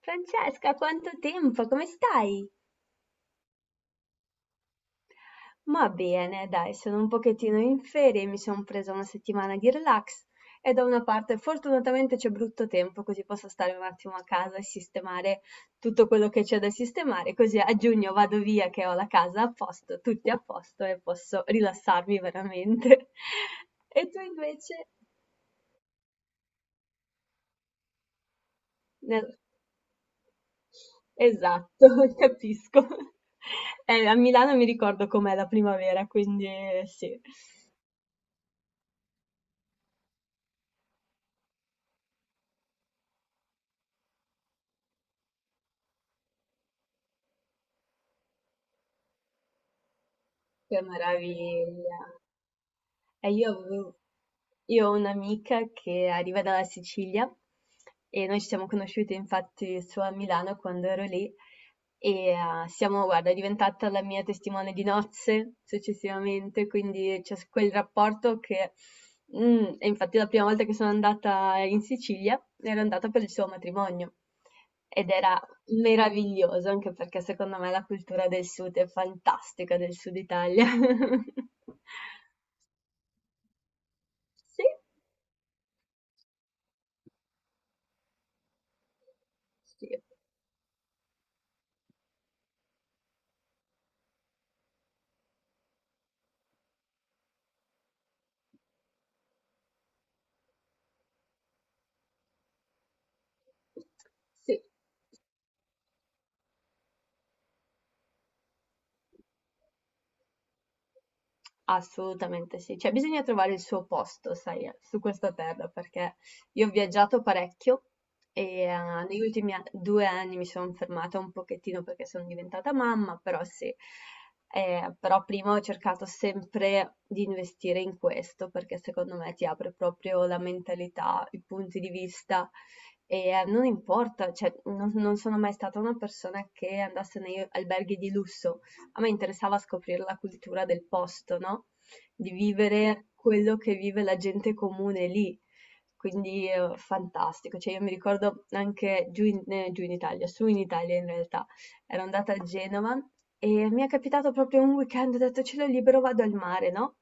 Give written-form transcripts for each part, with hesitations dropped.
Francesca, quanto tempo, come stai? Ma bene, dai, sono un pochettino in ferie, mi sono presa una settimana di relax e da una parte fortunatamente c'è brutto tempo, così posso stare un attimo a casa e sistemare tutto quello che c'è da sistemare, così a giugno vado via che ho la casa a posto, tutti a posto e posso rilassarmi veramente. E tu invece? Nel- Esatto, capisco. A Milano mi ricordo com'è la primavera, quindi sì. Che meraviglia! E io ho un'amica che arriva dalla Sicilia e noi ci siamo conosciute infatti su a Milano quando ero lì e siamo, guarda, è diventata la mia testimone di nozze successivamente, quindi quel rapporto che... E infatti la prima volta che sono andata in Sicilia ero andata per il suo matrimonio ed era meraviglioso anche perché secondo me la cultura del sud è fantastica, del sud Italia. Sì. Sì. Sì. Assolutamente sì, cioè bisogna trovare il suo posto, sai, su questa terra, perché io ho viaggiato parecchio e negli ultimi 2 anni mi sono fermata un pochettino perché sono diventata mamma, però sì. Però prima ho cercato sempre di investire in questo perché secondo me ti apre proprio la mentalità, i punti di vista e non importa, cioè non sono mai stata una persona che andasse negli alberghi di lusso. A me interessava scoprire la cultura del posto, no? Di vivere quello che vive la gente comune lì. Quindi fantastico, cioè io mi ricordo anche giù in Italia, su in Italia in realtà, ero andata a Genova e mi è capitato proprio un weekend, ho detto cielo libero, vado al mare, no?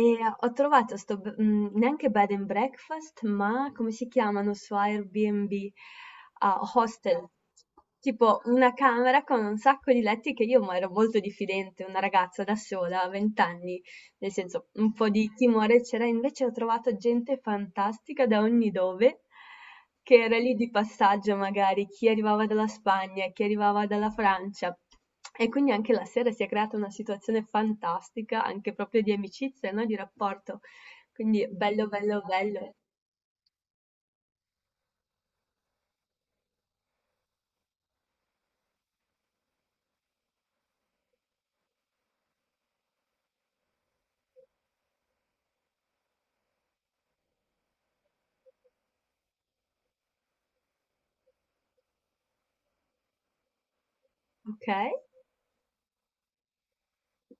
E ho trovato sto, neanche bed and breakfast, ma come si chiamano su Airbnb? Ah, hostel. Tipo una camera con un sacco di letti che io ma ero molto diffidente, una ragazza da sola, a 20 anni. Nel senso, un po' di timore c'era, invece ho trovato gente fantastica da ogni dove, che era lì di passaggio magari, chi arrivava dalla Spagna, chi arrivava dalla Francia. E quindi anche la sera si è creata una situazione fantastica, anche proprio di amicizia, no? Di rapporto. Quindi bello, bello, bello. Ok?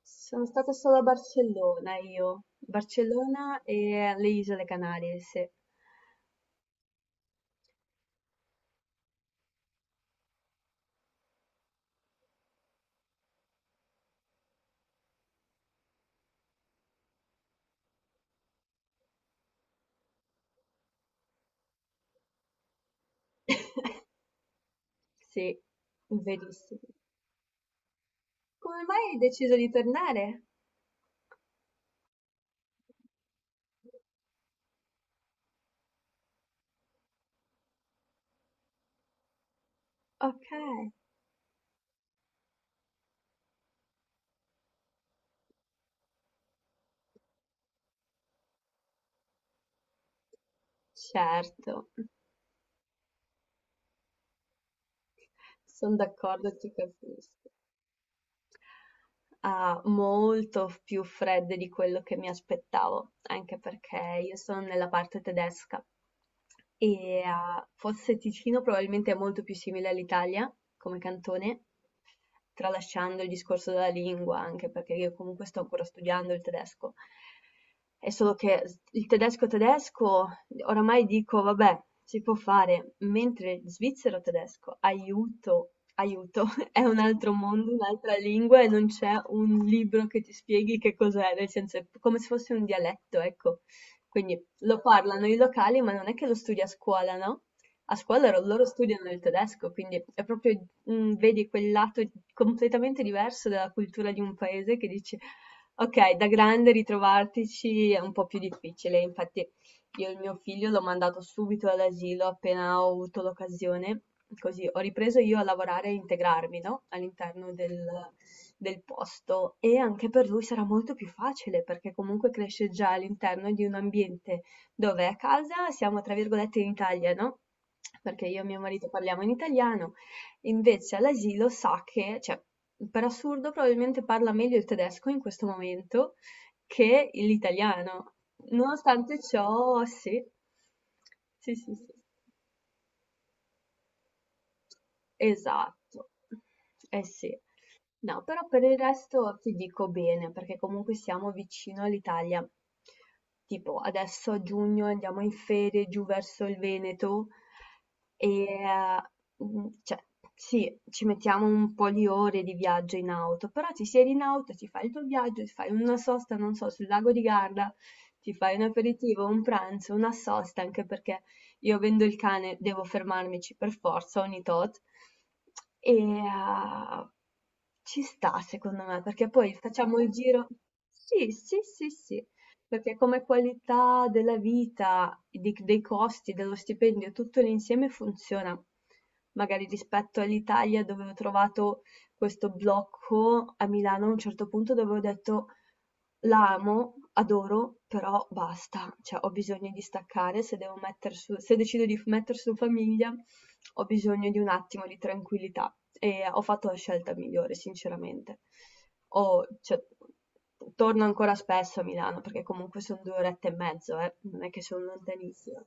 Sono stata solo a Barcellona io. Barcellona e alle Isole Canarie, sì. Sì, verissimo. Come mai hai deciso di tornare? Okay, certo, son d'accordo e ti capisco. Molto più fredde di quello che mi aspettavo, anche perché io sono nella parte tedesca e forse Ticino probabilmente è molto più simile all'Italia come cantone, tralasciando il discorso della lingua, anche perché io comunque sto ancora studiando il tedesco. È solo che il tedesco tedesco, oramai dico, vabbè, si può fare, mentre il svizzero tedesco, aiuto, aiuto, è un altro mondo, un'altra lingua e non c'è un libro che ti spieghi che cos'è, nel senso è come se fosse un dialetto, ecco. Quindi lo parlano i locali, ma non è che lo studi a scuola, no? A scuola loro studiano il tedesco, quindi è proprio, vedi quel lato completamente diverso della cultura di un paese che dici, ok, da grande ritrovartici è un po' più difficile, infatti io il mio figlio l'ho mandato subito all'asilo appena ho avuto l'occasione, così ho ripreso io a lavorare e integrarmi, no? All'interno del posto e anche per lui sarà molto più facile perché comunque cresce già all'interno di un ambiente dove a casa siamo tra virgolette in Italia, no? Perché io e mio marito parliamo in italiano, invece all'asilo sa che, cioè, per assurdo probabilmente parla meglio il tedesco in questo momento che l'italiano. Nonostante ciò, sì. Sì, sì, sì. Esatto. Eh sì. No, però per il resto ti dico bene, perché comunque siamo vicino all'Italia. Tipo, adesso a giugno andiamo in ferie giù verso il Veneto e cioè, sì, ci mettiamo un po' di ore di viaggio in auto, però ti siedi in auto, ti fai il tuo viaggio, ti fai una sosta, non so, sul lago di Garda, ti fai un aperitivo, un pranzo, una sosta, anche perché io avendo il cane devo fermarmici per forza ogni tot e ci sta secondo me, perché poi facciamo il giro. Sì, sì, sì, sì, perché come qualità della vita, di dei costi, dello stipendio, tutto l'insieme funziona. Magari rispetto all'Italia dove ho trovato questo blocco, a Milano a un certo punto dove ho detto: la amo, adoro, però basta, cioè ho bisogno di staccare, se devo metter su se decido di f metter su famiglia ho bisogno di un attimo di tranquillità e ho fatto la scelta migliore sinceramente. Ho cioè, torno ancora spesso a Milano perché comunque son 2 orette e mezzo non è che son lontanissima.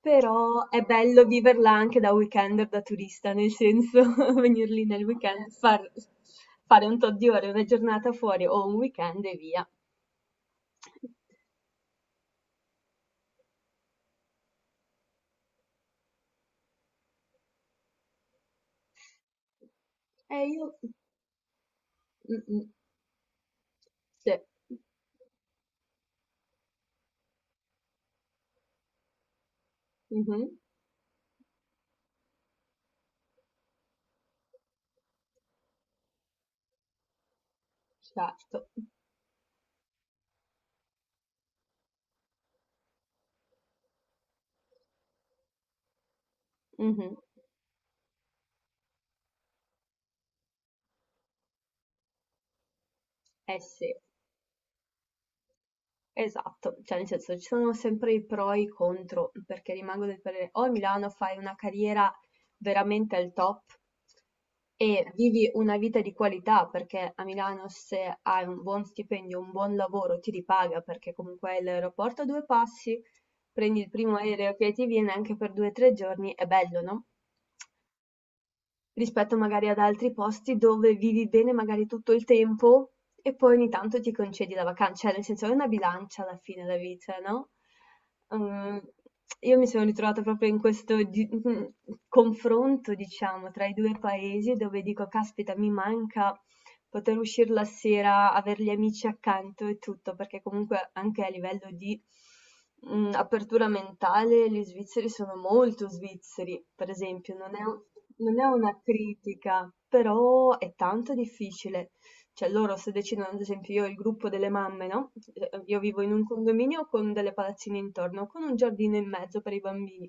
Però è bello viverla anche da weekender, da turista, nel senso venir lì nel weekend, fare un tot di ore, una giornata fuori o un weekend e via. E io... Mm, mm, sì. Mhm, certo. Mhm, eh sì. Esatto, cioè nel senso ci sono sempre i pro e i contro, perché rimango del parere o a Milano fai una carriera veramente al top e vivi una vita di qualità, perché a Milano se hai un buon stipendio, un buon lavoro ti ripaga, perché comunque hai l'aeroporto a due passi, prendi il primo aereo che ti viene anche per 2 o 3 giorni, è bello, no? Rispetto magari ad altri posti dove vivi bene magari tutto il tempo e poi ogni tanto ti concedi la vacanza, cioè nel senso è una bilancia alla fine la vita, no? Ehm, io mi sono ritrovata proprio in questo confronto, diciamo, tra i due paesi dove dico, caspita, mi manca poter uscire la sera, avere gli amici accanto e tutto, perché comunque anche a livello di apertura mentale gli svizzeri sono molto svizzeri, per esempio, non è una critica, però è tanto difficile. Cioè loro se decidono, ad esempio io ho il gruppo delle mamme, no? Io vivo in un condominio con delle palazzine intorno, con un giardino in mezzo per i bambini.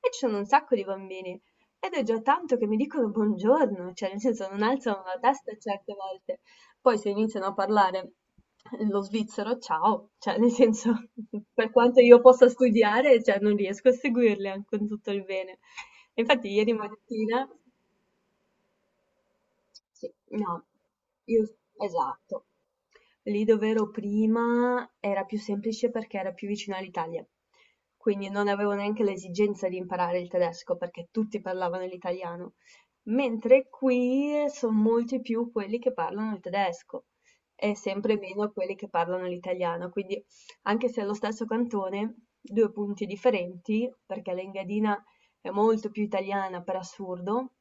E ci sono un sacco di bambini. Ed è già tanto che mi dicono buongiorno, cioè nel senso non alzano la testa certe volte. Poi se iniziano a parlare lo svizzero, ciao, cioè nel senso per quanto io possa studiare, cioè non riesco a seguirli anche con tutto il bene. Infatti ieri mattina sì, no, io esatto. Lì dove ero prima era più semplice perché era più vicino all'Italia, quindi non avevo neanche l'esigenza di imparare il tedesco perché tutti parlavano l'italiano, mentre qui sono molti più quelli che parlano il tedesco e sempre meno quelli che parlano l'italiano, quindi anche se è lo stesso cantone, due punti differenti, perché l'Engadina è molto più italiana per assurdo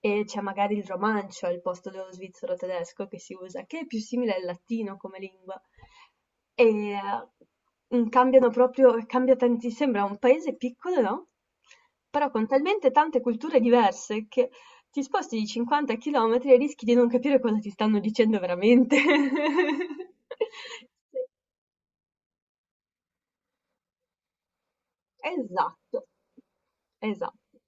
e c'è magari il romancio al posto dello svizzero tedesco che si usa, che è più simile al latino come lingua. E cambiano proprio, cambia tanti, sembra un paese piccolo, no? Però con talmente tante culture diverse che ti sposti di 50 km e rischi di non capire cosa ti stanno dicendo veramente. Esatto, esatto.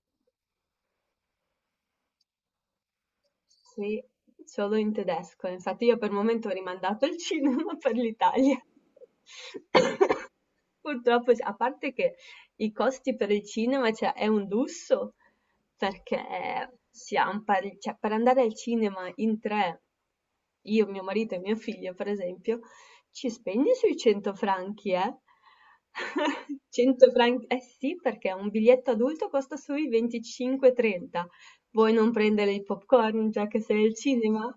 Sì, solo in tedesco. Infatti io per il momento ho rimandato il cinema per l'Italia. Purtroppo, cioè, a parte che i costi per il cinema, cioè, è un lusso, perché siamo cioè, per andare al cinema in tre, io, mio marito e mio figlio, per esempio, ci spegni sui 100 franchi, eh? 100 franchi, eh sì, perché un biglietto adulto costa sui 25-30. Vuoi non prendere il popcorn già che sei al cinema?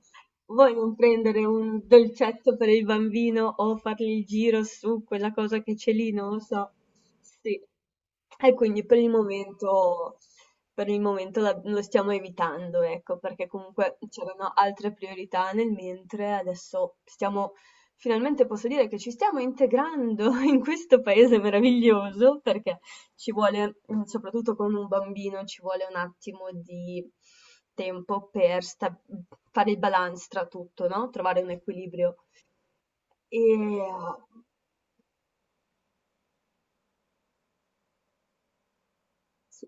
Vuoi non prendere un dolcetto per il bambino o fargli il giro su quella cosa che c'è lì? Non lo so. Sì. E quindi per il momento, lo stiamo evitando, ecco, perché comunque c'erano altre priorità nel mentre adesso stiamo, finalmente posso dire che ci stiamo integrando in questo paese meraviglioso, perché ci vuole, soprattutto con un bambino, ci vuole un attimo di tempo per fare il balance tra tutto, no? Trovare un equilibrio. E sì,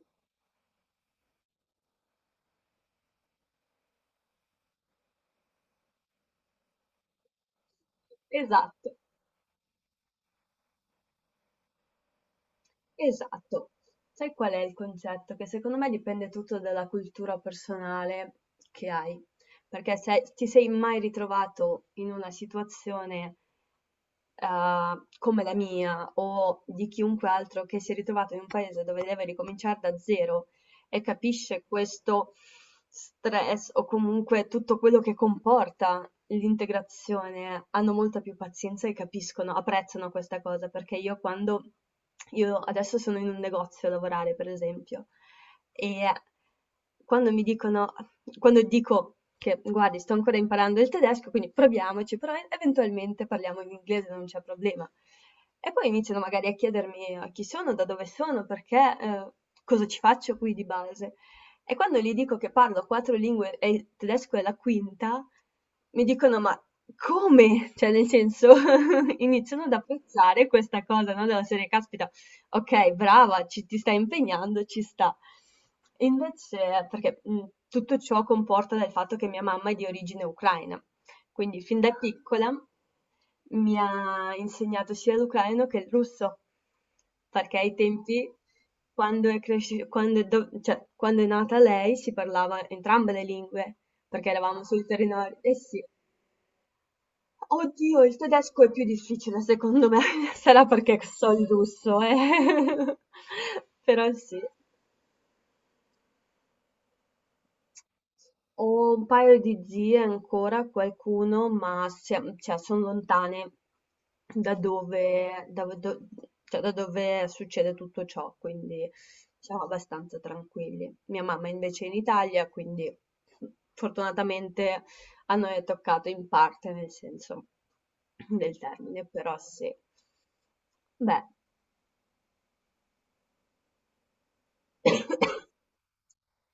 esatto, esatto. Sai qual è il concetto? Che secondo me dipende tutto dalla cultura personale che hai. Perché se ti sei mai ritrovato in una situazione come la mia o di chiunque altro che si è ritrovato in un paese dove deve ricominciare da zero e capisce questo stress o comunque tutto quello che comporta l'integrazione, hanno molta più pazienza e capiscono, apprezzano questa cosa, perché io quando io adesso sono in un negozio a lavorare, per esempio, e quando mi dicono quando dico che guardi, sto ancora imparando il tedesco, quindi proviamoci, però eventualmente parliamo in inglese, non c'è problema. E poi iniziano magari a chiedermi a chi sono, da dove sono, perché, cosa ci faccio qui di base. E quando gli dico che parlo quattro lingue e il tedesco è la quinta, mi dicono: "Ma come?" Cioè nel senso iniziano ad apprezzare questa cosa, no, della serie: "Caspita, okay, brava, ci ti stai impegnando, ci sta". Invece perché, tutto ciò comporta dal fatto che mia mamma è di origine ucraina, quindi fin da piccola mi ha insegnato sia l'ucraino che il russo, perché ai tempi quando è cresci quando è do cioè quando è nata lei si parlava entrambe le lingue, perché eravamo sul territorio eh sì. Oddio, il tedesco è più difficile secondo me, sarà perché so il russo, eh. Però sì. Ho un paio di zie ancora, qualcuno, ma siam cioè son lontane da dove da do cioè da dove succede tutto ciò, quindi siamo abbastanza tranquilli. Mia mamma invece è in Italia, quindi fortunatamente a noi è toccato in parte, nel senso del termine, però sì. Beh,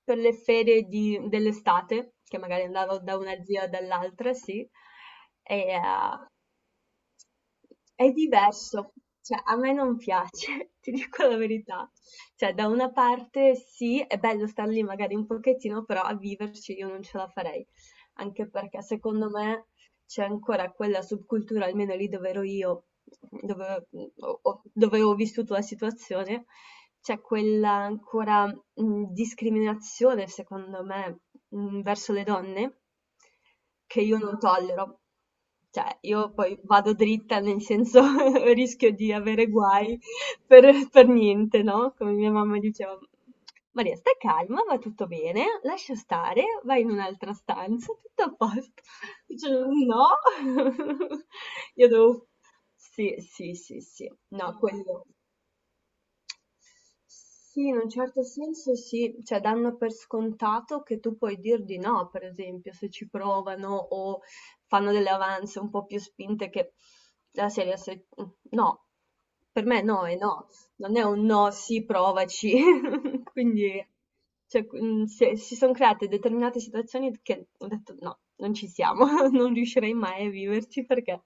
per le ferie di dell'estate, che magari andavo da una zia o dall'altra, sì, e eh, è diverso, cioè a me non piace, ti dico la verità. Cioè, da una parte sì, è bello star lì magari un pochettino, però a viverci io non ce la farei, anche perché secondo me c'è ancora quella subcultura, almeno lì dove ero io, dove dove ho vissuto la situazione, c'è quella ancora discriminazione, secondo me, verso le donne che io non tollero. Cioè, io poi vado dritta, nel senso rischio di avere guai per niente, no, come mia mamma diceva: "Maria, stai calma, va tutto bene, lascia stare, vai in un'altra stanza, tutto a posto". Dicevo: "No". Io devo sì, sì, sì, sì. No, quello sì, in un certo senso sì, cioè danno per scontato che tu puoi dir di no, per esempio, se ci provano o fanno delle avanze un po' più spinte che la serie se... no, per me no è no, non è un no, sì, provaci. Quindi cioè, si sono create determinate situazioni che ho detto no, non ci siamo, non riuscirei mai a viverci perché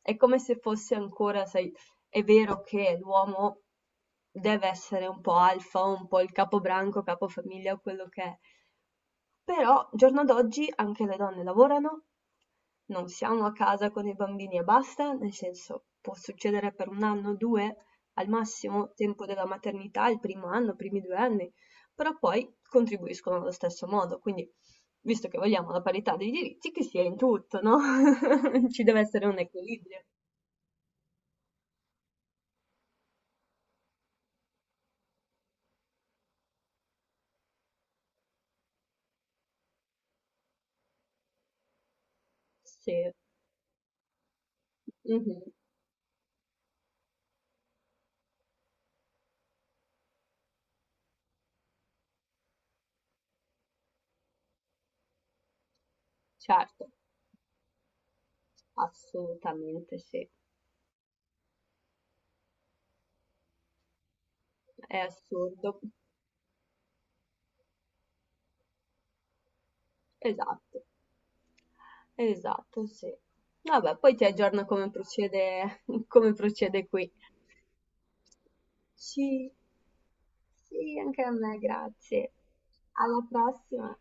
è come se fosse ancora, sai, è vero che l'uomo deve essere un po' alfa, un po' il capobranco, capofamiglia o quello che è, però giorno d'oggi anche le donne lavorano, non siamo a casa con i bambini e basta, nel senso può succedere per un anno, due, al massimo tempo della maternità, il primo anno, i primi 2 anni, però poi contribuiscono allo stesso modo, quindi visto che vogliamo la parità dei diritti, che sia in tutto, no? Ci deve essere un equilibrio. Sì, mhm, certo. Assolutamente sì, è assurdo. Esatto, esatto, sì. Vabbè, poi ti aggiorno come procede, come procede qui. Sì, sì, anche a me, grazie. Alla prossima.